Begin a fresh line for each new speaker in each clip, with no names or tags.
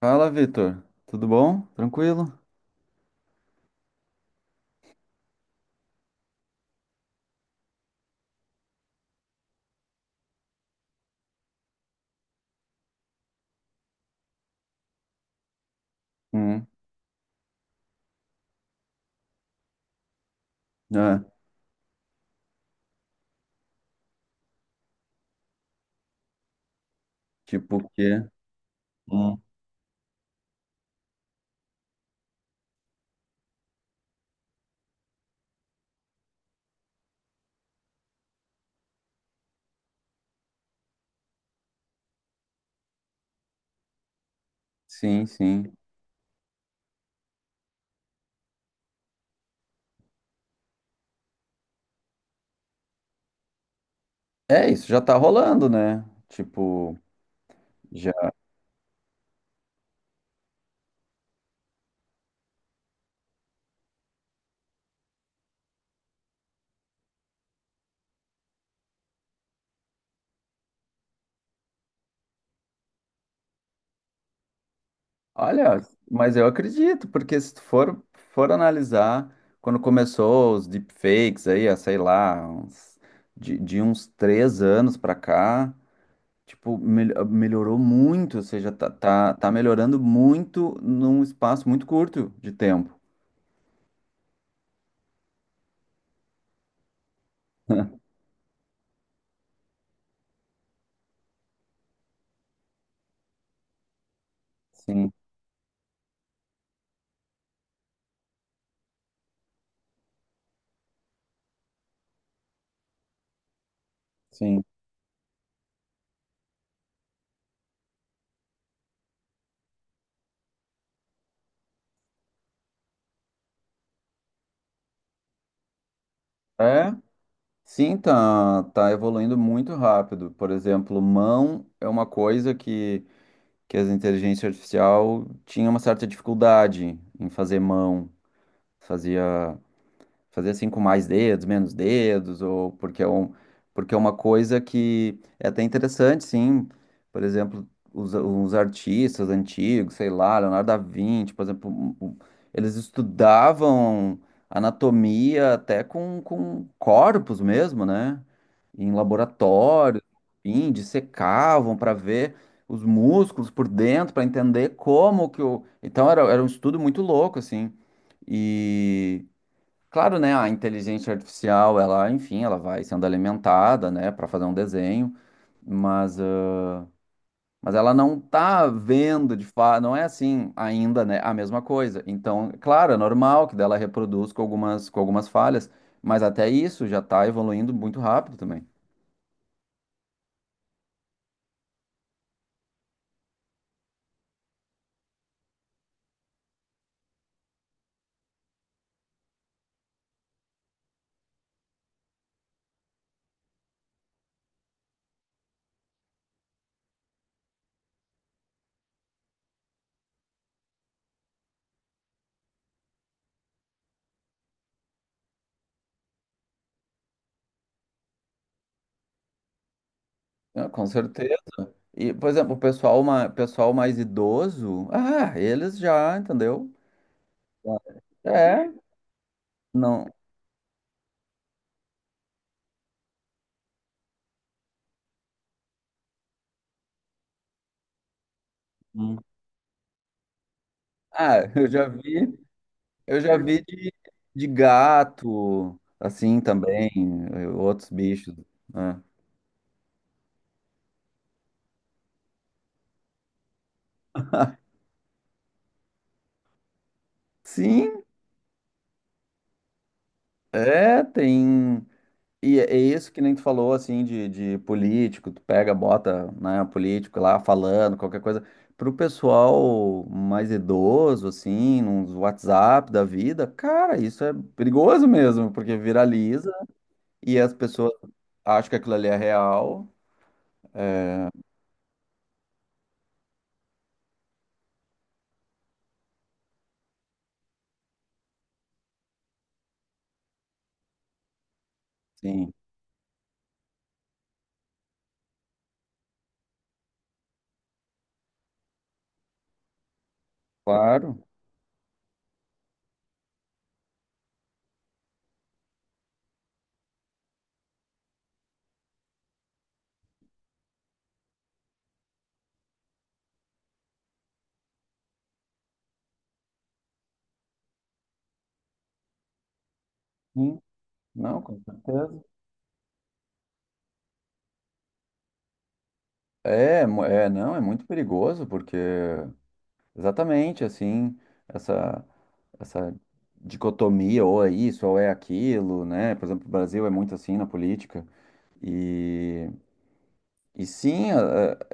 Fala, Vitor. Tudo bom? Tranquilo? Hum, é, tipo o quê? Hum, sim, sim. É, isso já tá rolando, né? Tipo, já. Olha, mas eu acredito, porque se tu for analisar, quando começou os deepfakes aí, a, sei lá, de uns 3 anos pra cá, tipo, melhorou muito, ou seja, tá melhorando muito num espaço muito curto de tempo. Sim, sim. É, sim, tá evoluindo muito rápido. Por exemplo, mão é uma coisa que as inteligências artificial tinha uma certa dificuldade em fazer mão. Fazia Fazer assim com mais dedos, menos dedos, ou porque é, um, porque é uma coisa que é até interessante, sim. Por exemplo, os artistas antigos, sei lá, Leonardo da Vinci, por exemplo, eles estudavam anatomia até com corpos mesmo, né? Em laboratório, enfim, dissecavam para ver os músculos por dentro, para entender como que o. Então era um estudo muito louco, assim. E, claro, né? A inteligência artificial, ela, enfim, ela vai sendo alimentada, né, para fazer um desenho, mas, ah, mas ela não tá vendo de fato, não é assim ainda, né, a mesma coisa. Então, claro, é normal que dela reproduz com algumas falhas, mas até isso já tá evoluindo muito rápido também. Ah, com certeza. E, por exemplo, o pessoal, pessoal mais idoso, ah, eles já, entendeu? Já- É, não. Hum. Ah, eu já vi. Eu já vi de gato, assim também, outros bichos, né? Sim, é, tem. E é isso que nem tu falou, assim, de político, tu pega, bota, né, político lá falando, qualquer coisa. Pro pessoal mais idoso, assim, nos WhatsApp da vida, cara, isso é perigoso mesmo, porque viraliza e as pessoas acham que aquilo ali é real. Sim, claro. Sim, não, com certeza. É, é, não, é muito perigoso, porque exatamente assim, essa, essa dicotomia, ou é isso, ou é aquilo, né? Por exemplo, o Brasil é muito assim na política, e sim,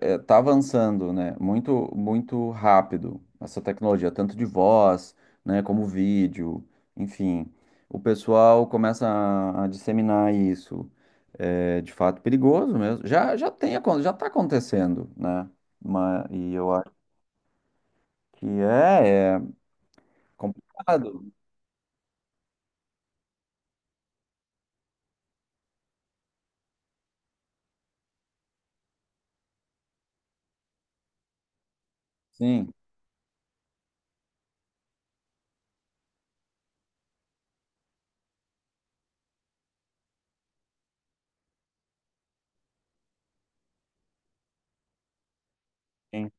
está avançando, né? Muito, muito rápido essa tecnologia, tanto de voz, né, como vídeo, enfim. O pessoal começa a disseminar isso. É de fato perigoso mesmo. Já tem, já está acontecendo, né? Mas, e eu acho que é, é complicado. Sim, sim,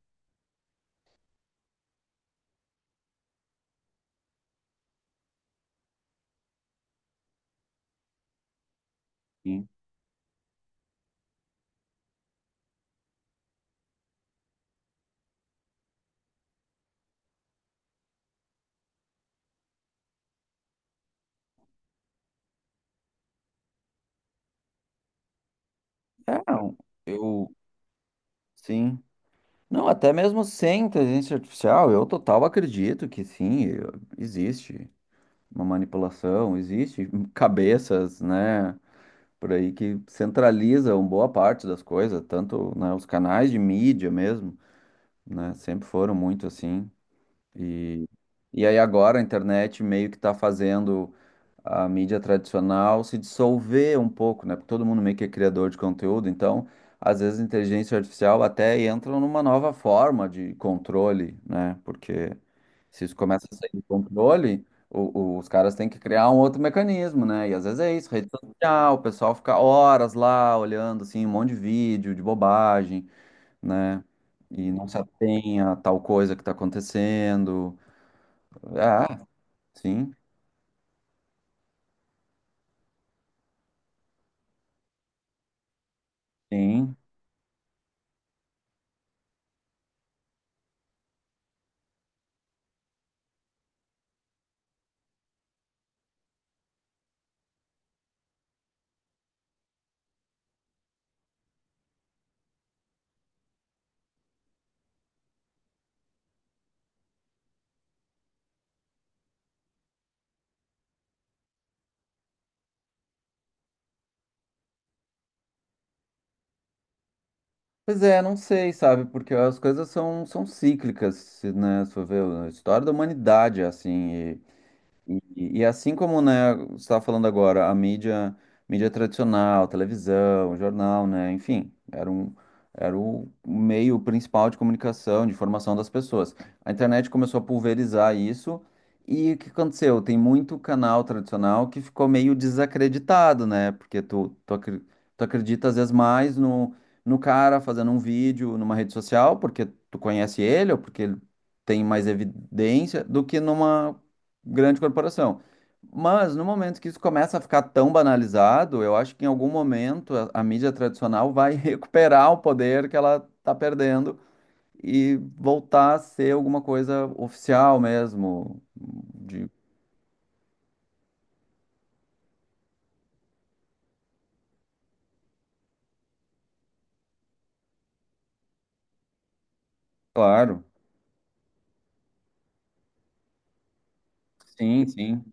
sim. É, eu, sim. Não, até mesmo sem inteligência artificial, eu total acredito que sim, existe uma manipulação, existe cabeças, né, por aí que centralizam boa parte das coisas, tanto, né, os canais de mídia mesmo, né, sempre foram muito assim. E, e aí agora a internet meio que está fazendo a mídia tradicional se dissolver um pouco, né? Porque todo mundo meio que é criador de conteúdo, então às vezes a inteligência artificial até entra numa nova forma de controle, né? Porque se isso começa a sair do controle, os caras têm que criar um outro mecanismo, né? E às vezes é isso, rede social, o pessoal fica horas lá olhando assim, um monte de vídeo, de bobagem, né? E não se atém a tal coisa que está acontecendo. Ah, sim, sim. Pois é, não sei, sabe? Porque as coisas são cíclicas, né? Se for ver, a história da humanidade é assim. E assim como, né, você estava falando agora, a mídia, mídia tradicional, televisão, jornal, né, enfim, era um, era o meio principal de comunicação, de informação das pessoas. A internet começou a pulverizar isso, e o que aconteceu? Tem muito canal tradicional que ficou meio desacreditado, né, porque tu acredita às vezes mais no, no cara fazendo um vídeo numa rede social, porque tu conhece ele, ou porque ele tem mais evidência, do que numa grande corporação. Mas no momento que isso começa a ficar tão banalizado, eu acho que em algum momento a mídia tradicional vai recuperar o poder que ela está perdendo e voltar a ser alguma coisa oficial mesmo, de, claro. Sim, sim,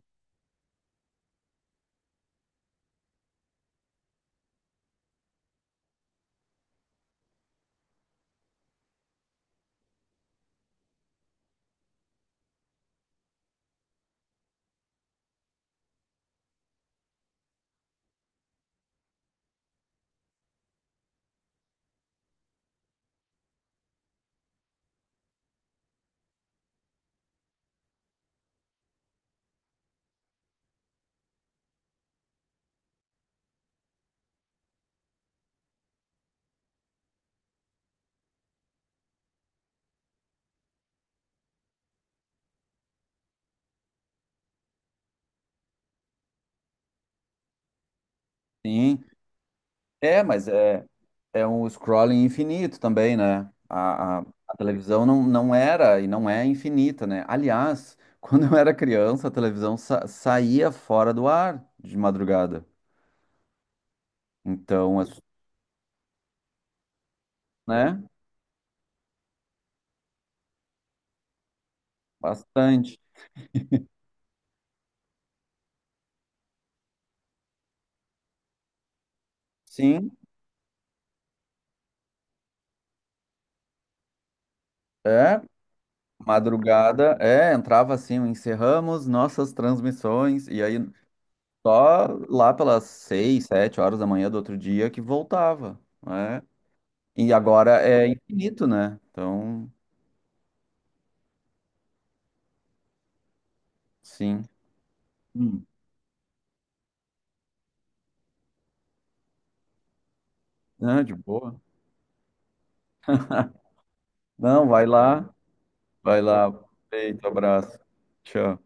sim. É, mas é, é um scrolling infinito também, né? A televisão não, não era e não é infinita, né? Aliás, quando eu era criança, a televisão saía fora do ar de madrugada. Então, é, né? Bastante. Sim, é. Madrugada, é, entrava assim, o encerramos nossas transmissões, e aí só lá pelas 6, 7 horas da manhã do outro dia que voltava, né? E agora é infinito, né? Então. Sim. Hum. Ah, de boa. Não, vai lá. Vai lá. Feito, abraço. Tchau.